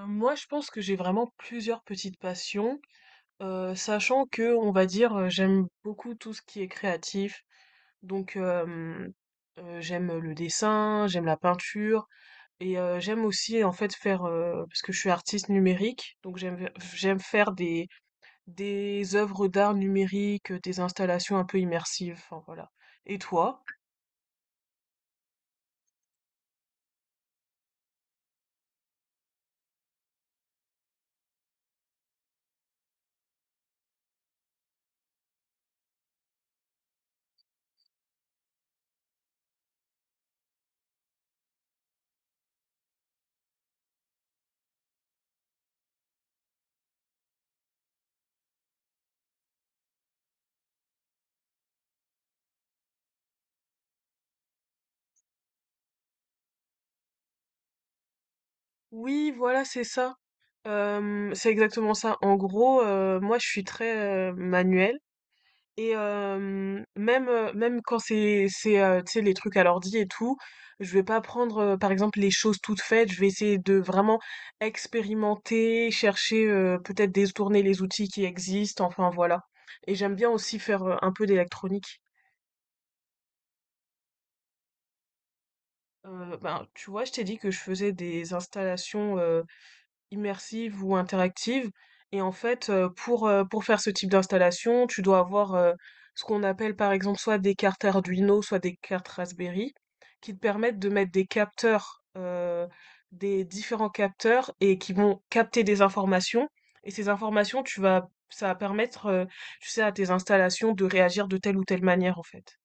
Moi, je pense que j'ai vraiment plusieurs petites passions, sachant que, on va dire, j'aime beaucoup tout ce qui est créatif. Donc, euh, J'aime le dessin, j'aime la peinture, et j'aime aussi, en fait, faire, parce que je suis artiste numérique, donc j'aime faire des œuvres d'art numérique, des installations un peu immersives, enfin voilà. Et toi? Oui, voilà, c'est ça. C'est exactement ça. En gros, moi, je suis très manuelle. Et même, même quand c'est, tu sais, les trucs à l'ordi et tout, je vais pas prendre, par exemple, les choses toutes faites. Je vais essayer de vraiment expérimenter, chercher, peut-être détourner les outils qui existent, enfin voilà. Et j'aime bien aussi faire, un peu d'électronique. Ben, tu vois, je t'ai dit que je faisais des installations, immersive ou interactive. Et en fait, pour faire ce type d'installation, tu dois avoir ce qu'on appelle par exemple soit des cartes Arduino, soit des cartes Raspberry, qui te permettent de mettre des capteurs, des différents capteurs, et qui vont capter des informations. Et ces informations, tu vas, ça va permettre, tu sais, à tes installations de réagir de telle ou telle manière, en fait.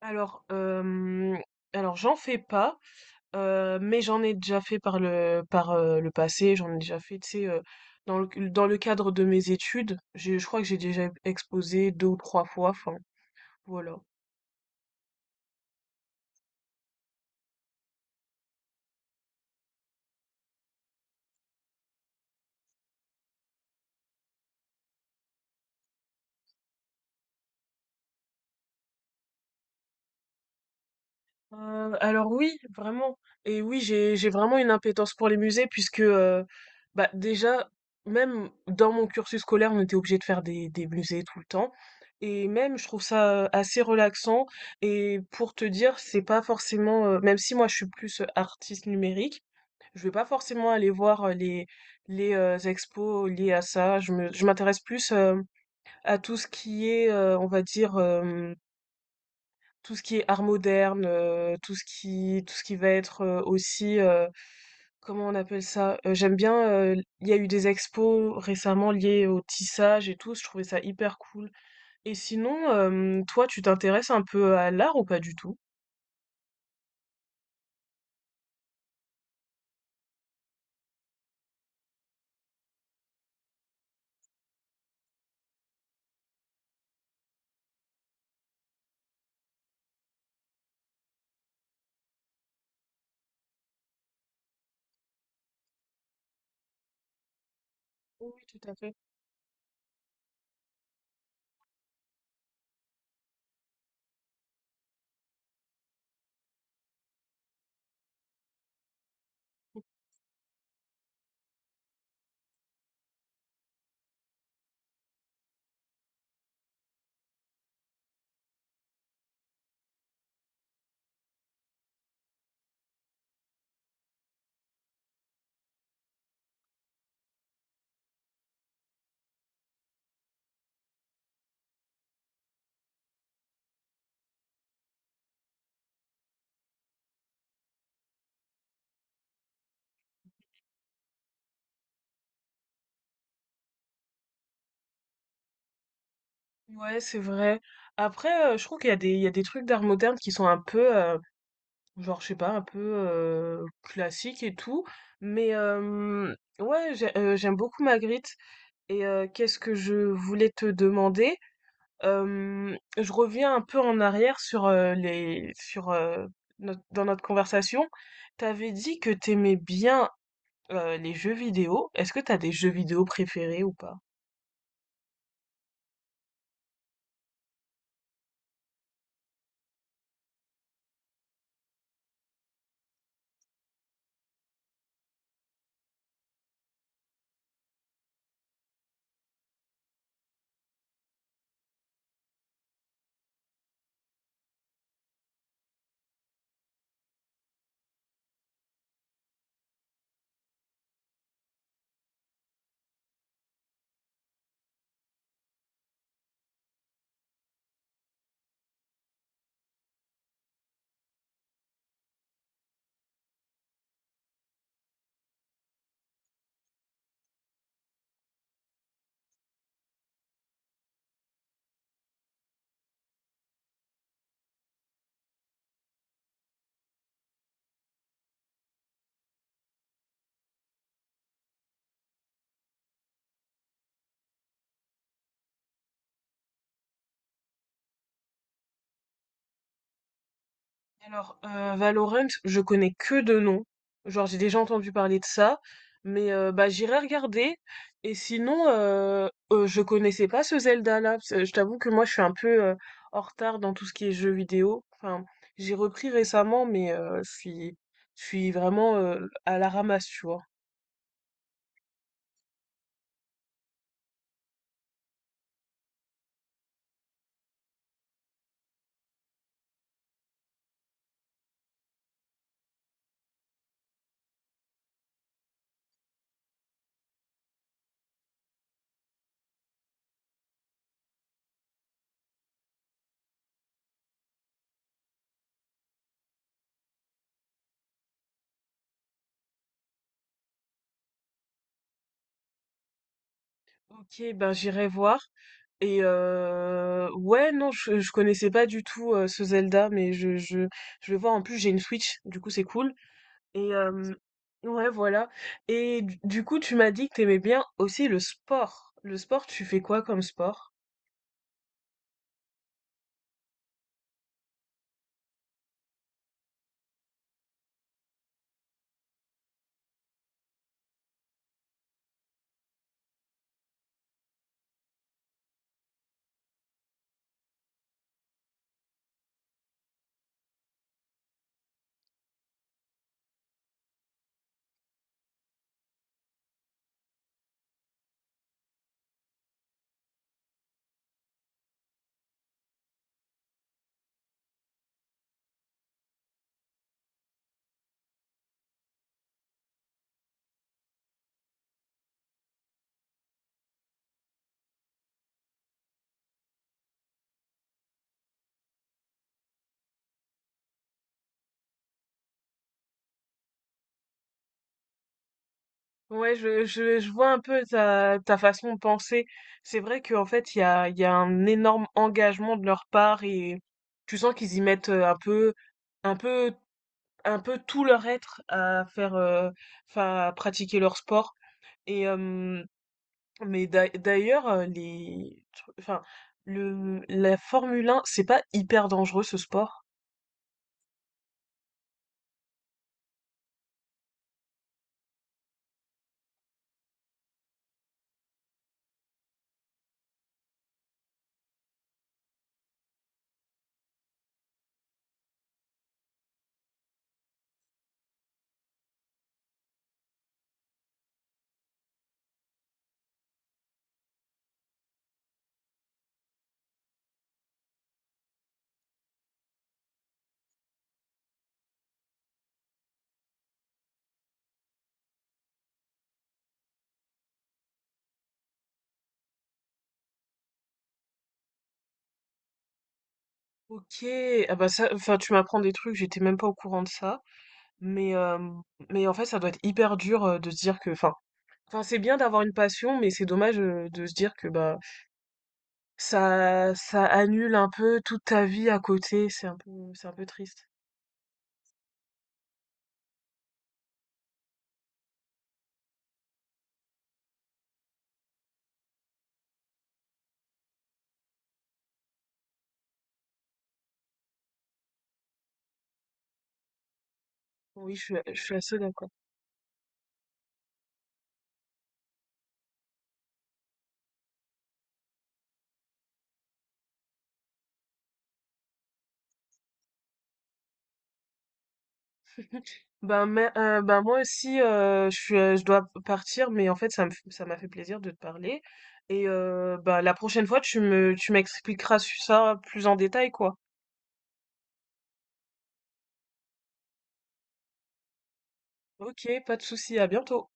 Alors, j'en fais pas, mais j'en ai déjà fait par le passé, j'en ai déjà fait, tu sais, dans le cadre de mes études, j'ai je crois que j'ai déjà exposé 2 ou trois fois, enfin, voilà. Alors oui, vraiment et oui, j'ai vraiment une impétence pour les musées puisque, bah, déjà, même dans mon cursus scolaire, on était obligé de faire des musées tout le temps et même je trouve ça, assez relaxant et pour te dire, c'est pas forcément, même si moi je suis plus, artiste numérique. Je vais pas forcément aller voir les, les expos liés à ça. Je m'intéresse plus à tout ce qui est, on va dire, tout ce qui est art moderne, tout ce qui va être aussi, comment on appelle ça? J'aime bien, il y a eu des expos récemment liées au tissage et tout, je trouvais ça hyper cool. Et sinon, toi, tu t'intéresses un peu à l'art ou pas du tout? Oui, tout à fait. Ouais, c'est vrai. Après, je trouve qu'il y a des, il y a des trucs d'art moderne qui sont un peu, genre, je sais pas, un peu classique et tout. Mais ouais, j'aime beaucoup Magritte. Et qu'est-ce que je voulais te demander? Je reviens un peu en arrière sur les sur dans notre conversation. T'avais dit que t'aimais bien les jeux vidéo. Est-ce que t'as des jeux vidéo préférés ou pas? Alors, Valorant, je connais que de nom. Genre, j'ai déjà entendu parler de ça, mais bah j'irai regarder. Et sinon, je connaissais pas ce Zelda-là, parce que je t'avoue que moi, je suis un peu en retard dans tout ce qui est jeux vidéo. Enfin, j'ai repris récemment, mais je suis vraiment à la ramasse, tu vois. Ok, ben j'irai voir. Et ouais, non, je connaissais pas du tout ce Zelda, mais je vais voir. En plus, j'ai une Switch, du coup, c'est cool. Et ouais, voilà. Et du coup, tu m'as dit que t'aimais bien aussi le sport. Le sport, tu fais quoi comme sport? Ouais, je vois un peu ta, ta façon de penser. C'est vrai qu'en fait, il y a un énorme engagement de leur part et tu sens qu'ils y mettent un peu, un peu, un peu tout leur être à faire, enfin, à pratiquer leur sport. Et, mais d'ailleurs, les, enfin, la Formule 1, c'est pas hyper dangereux ce sport. Ok, ah bah ça, enfin, tu m'apprends des trucs, j'étais même pas au courant de ça. Mais, euh, mais en fait, ça doit être hyper dur de se dire que, enfin, enfin, c'est bien d'avoir une passion, mais c'est dommage de se dire que bah ça, ça annule un peu toute ta vie à côté. C'est un peu triste. Oui, je suis assez d'accord. Ben, ben moi aussi, je suis, je dois partir, mais en fait, ça m'a fait plaisir de te parler. Et ben, la prochaine fois, tu m'expliqueras ça plus en détail, quoi. Ok, pas de souci, à bientôt.